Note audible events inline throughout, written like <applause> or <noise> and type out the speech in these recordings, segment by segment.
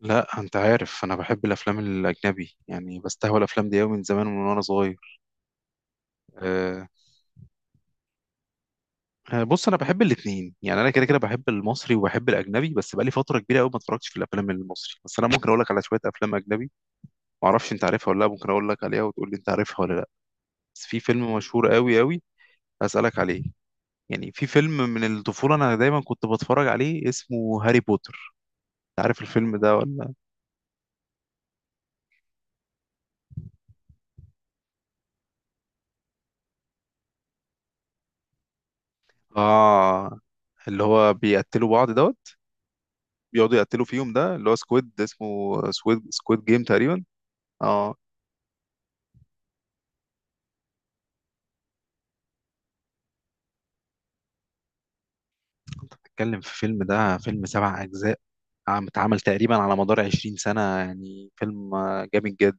لا، انت عارف انا بحب الافلام الاجنبي. يعني بستهوى الافلام دي قوي من زمان وانا صغير. أه. بص انا بحب الاثنين، يعني انا كده كده بحب المصري وبحب الاجنبي، بس بقالي فتره كبيره قوي ما اتفرجتش في الافلام المصري. بس انا ممكن اقول لك على شويه افلام اجنبي، ما اعرفش انت عارفها ولا لا. ممكن اقول لك عليها وتقول لي انت عارفها ولا لا. بس في فيلم مشهور قوي قوي اسالك عليه. يعني في فيلم من الطفوله انا دايما كنت بتفرج عليه، اسمه هاري بوتر. انت عارف الفيلم ده ولا؟ اه، اللي هو بيقتلوا بعض ده، بيقعدوا يقتلوا فيهم، ده اللي هو سكويد، اسمه سكويد جيم تقريبا. اه. تتكلم في فيلم، ده فيلم سبع اجزاء. اتعمل تقريبا على مدار 20 سنة. يعني فيلم جامد جدا.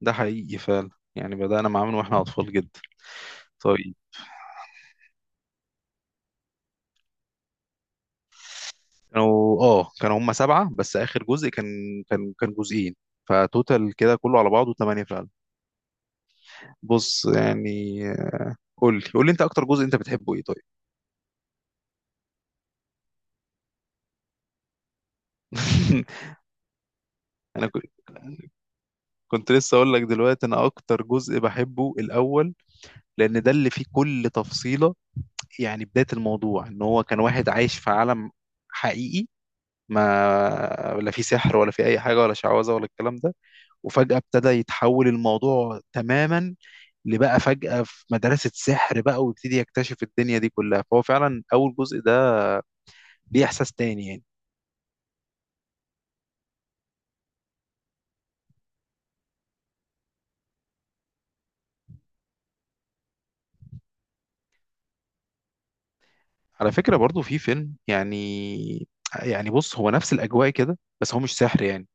ده حقيقي فعلا، يعني بدأنا معاه من واحنا اطفال جدا. طيب. كانوا هم سبعة، بس آخر جزء كان كان جزئين، فتوتال كده كله على بعضه ثمانية فعلا. بص يعني، قول لي انت اكتر جزء انت بتحبه ايه طيب؟ <laughs> انا كنت لسه اقول لك دلوقتي، انا اكتر جزء بحبه الاول، لان ده اللي فيه كل تفصيلة. يعني بداية الموضوع ان هو كان واحد عايش في عالم حقيقي، ما ولا فيه سحر ولا فيه اي حاجة ولا شعوذة ولا الكلام ده، وفجأة ابتدى يتحول الموضوع تماما لبقى فجأة في مدرسة سحر بقى، ويبتدي يكتشف الدنيا دي كلها. فهو فعلا اول جزء ده ليه احساس تاني يعني. على فكرة، برضو في فيلم يعني، بص هو نفس الاجواء كده، بس هو مش سحر يعني.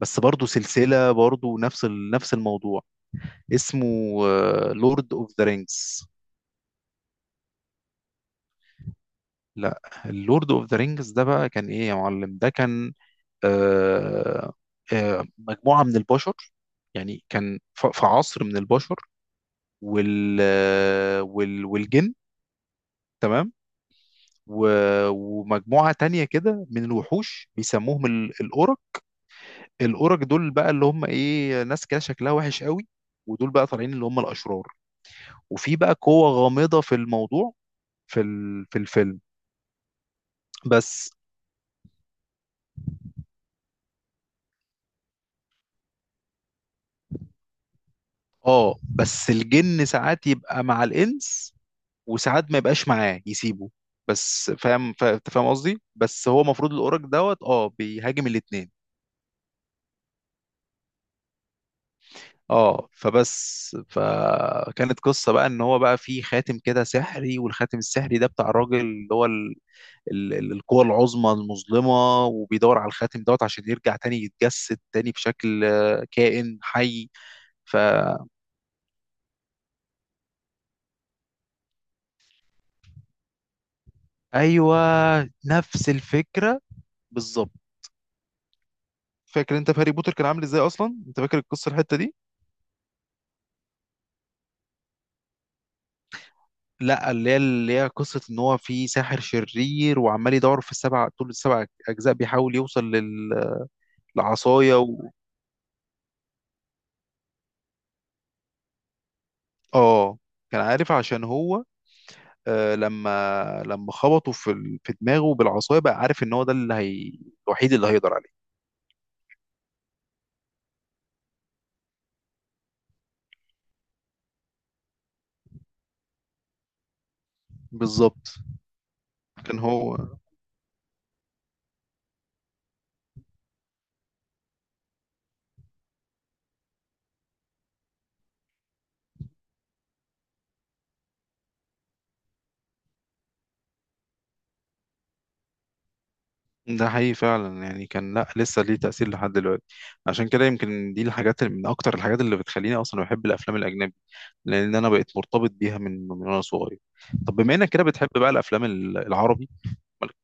بس برضه سلسلة، برضه نفس الموضوع، اسمه لورد اوف ذا رينجز. لا، اللورد اوف ذا رينجز ده بقى كان ايه يا معلم؟ ده كان آه مجموعة من البشر. يعني كان في عصر من البشر والجن. تمام. ومجموعة تانية كده من الوحوش بيسموهم الأورك. الأورك دول بقى اللي هم إيه ناس كده شكلها وحش قوي، ودول بقى طالعين اللي هم الأشرار. وفي بقى قوة غامضة في الموضوع، في الفيلم. بس اه بس الجن ساعات يبقى مع الانس، وساعات ما يبقاش معاه يسيبه. بس فاهم، انت فاهم قصدي. بس هو المفروض الاورك دوت بيهاجم الاتنين. اه، فبس فكانت قصة بقى ان هو بقى في خاتم كده سحري، والخاتم السحري ده بتاع الراجل اللي هو القوة العظمى المظلمة، وبيدور على الخاتم دوت عشان يرجع تاني، يتجسد تاني بشكل كائن حي. ف ايوه، نفس الفكره بالظبط. فاكر انت في هاري بوتر كان عامل ازاي اصلا؟ انت فاكر القصه الحته دي؟ لا، اللي هي قصه ان هو في ساحر شرير وعمال يدور في السبع، طول السبع اجزاء بيحاول يوصل للعصايه اه، كان عارف، عشان هو لما خبطه في في دماغه بالعصايه، بقى عارف ان هو ده اللي هي الوحيد اللي هيقدر عليه. بالظبط. كان هو. ده حقيقي فعلا، يعني كان، لا لسه ليه تأثير لحد دلوقتي. عشان كده يمكن دي الحاجات، اللي من أكتر الحاجات اللي بتخليني أصلا بحب الأفلام الأجنبي، لأن أنا بقيت مرتبط بيها من وأنا صغير. طب بما إنك كده بتحب بقى الأفلام العربي، مالك-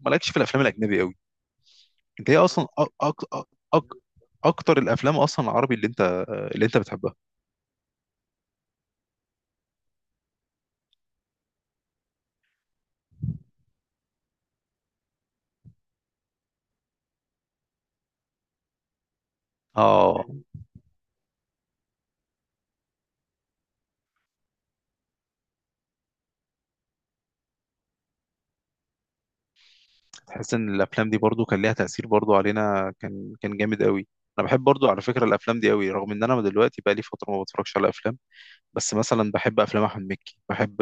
مالكش في الأفلام الأجنبي قوي؟ أنت إيه أصلا أك أك أك أكتر الأفلام أصلا العربي اللي أنت بتحبها؟ آه تحس إن الأفلام دي برضو كان ليها تأثير برضو علينا، كان جامد قوي. أنا بحب برضو، على فكرة، الأفلام دي قوي، رغم إن أنا دلوقتي بقى لي فترة ما بتفرجش على أفلام. بس مثلا بحب افلام احمد مكي،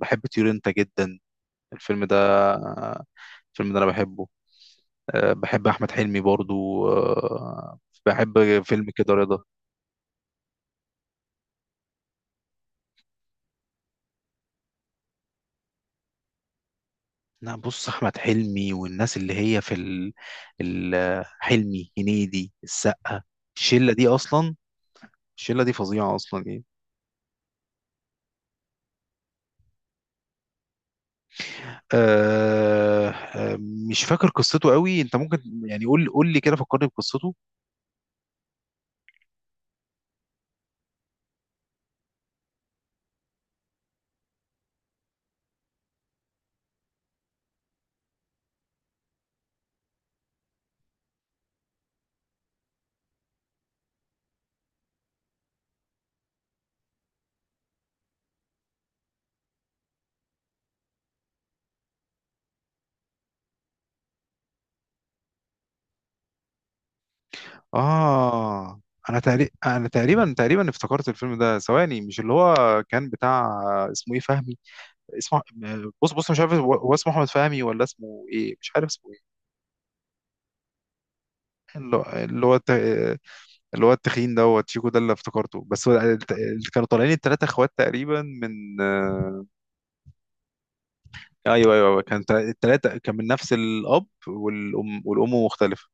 بحب طيور انت جدا، الفيلم ده. انا بحبه. بحب احمد حلمي برضو. بحب فيلم كده رضا. لا بص، احمد حلمي والناس اللي هي في حلمي، هنيدي، السقا، الشله دي اصلا. الشله دي فظيعه اصلا يعني. أه... أه، مش فاكر قصته قوي. انت ممكن يعني قول لي كده، فكرني بقصته. اه، انا تقريبا افتكرت الفيلم ده. ثواني، مش اللي هو كان بتاع، اسمه ايه، فهمي. اسمه، بص مش عارف هو اسمه احمد فهمي ولا اسمه ايه، مش عارف اسمه ايه. اللي هو اللي هو الت- اللي هو التخين دوت، شيكو، ده اللي افتكرته. بس هو اللي كانوا طالعين التلاتة اخوات تقريبا من ايوه، ايوه، أيوة، كان التلاتة كان من نفس الاب والام، والام مختلفة.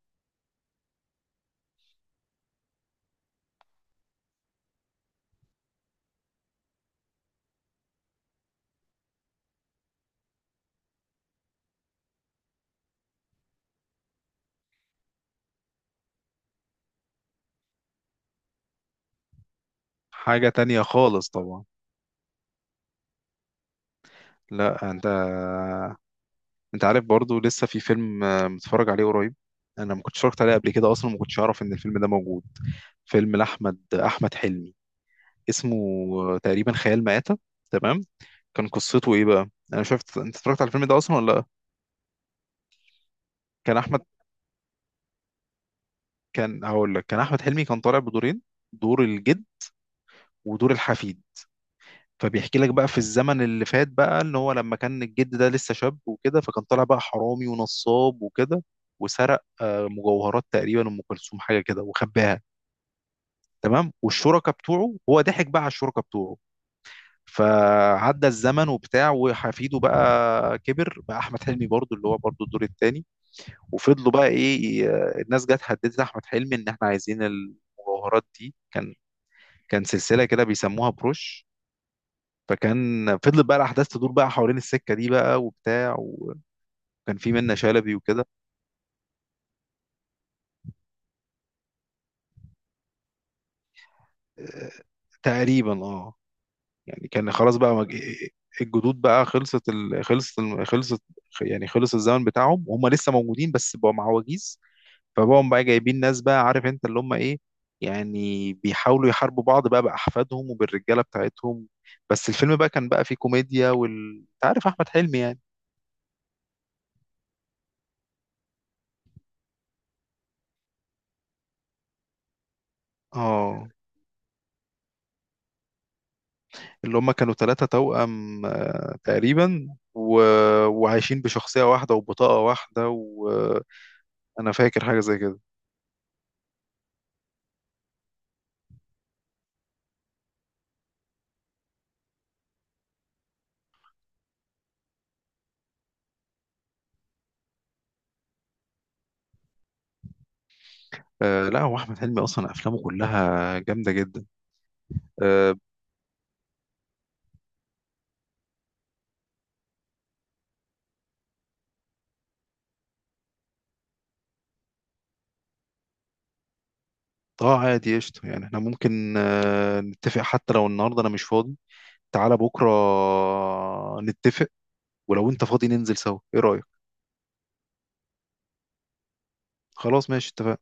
حاجة تانية خالص طبعا. لا، انت عارف برضو لسه في فيلم متفرج عليه قريب. انا ما كنتش اتفرجت عليه قبل كده اصلا، ما كنتش اعرف ان الفيلم ده موجود. فيلم احمد حلمي، اسمه تقريبا خيال مآتة. تمام. كان قصته ايه بقى؟ انا شفت، انت اتفرجت على الفيلم ده اصلا ولا لا؟ كان احمد كان هقول لك، كان احمد حلمي كان طالع بدورين: دور الجد ودور الحفيد. فبيحكي لك بقى في الزمن اللي فات بقى ان هو لما كان الجد ده لسه شاب وكده، فكان طالع بقى حرامي ونصاب وكده، وسرق مجوهرات تقريبا ام كلثوم، حاجه كده، وخباها. تمام. والشركاء بتوعه، هو ضحك بقى على الشركاء بتوعه. فعدى الزمن وبتاع، وحفيده بقى كبر بقى، احمد حلمي برضو، اللي هو برضو الدور الثاني. وفضلوا بقى ايه، الناس جت هددت احمد حلمي ان احنا عايزين المجوهرات دي، كان سلسله كده بيسموها بروش. فكان فضلت بقى الاحداث تدور بقى حوالين السكه دي بقى وبتاع، وكان في منة شلبي وكده. آه، تقريبا. اه. يعني كان خلاص بقى الجدود بقى خلصت، خلصت. يعني خلص الزمن بتاعهم، وهم لسه موجودين بس بقوا مع وجيز. فبقوا بقى جايبين ناس بقى، عارف انت اللي هم ايه. يعني بيحاولوا يحاربوا بعض بقى بأحفادهم وبالرجالة بتاعتهم. بس الفيلم بقى كان بقى فيه كوميديا، انت عارف أحمد حلمي يعني. اه، اللي هم كانوا ثلاثة توأم تقريبا و... وعايشين بشخصية واحدة وبطاقة واحدة، وأنا فاكر حاجة زي كده. آه لا، هو احمد حلمي اصلا افلامه كلها جامده جدا. اه. عادي قشطه، يعني احنا ممكن نتفق. حتى لو النهارده انا مش فاضي، تعالى بكره نتفق. ولو انت فاضي ننزل سوا، ايه رايك؟ خلاص ماشي، اتفقنا.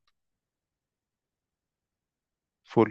فل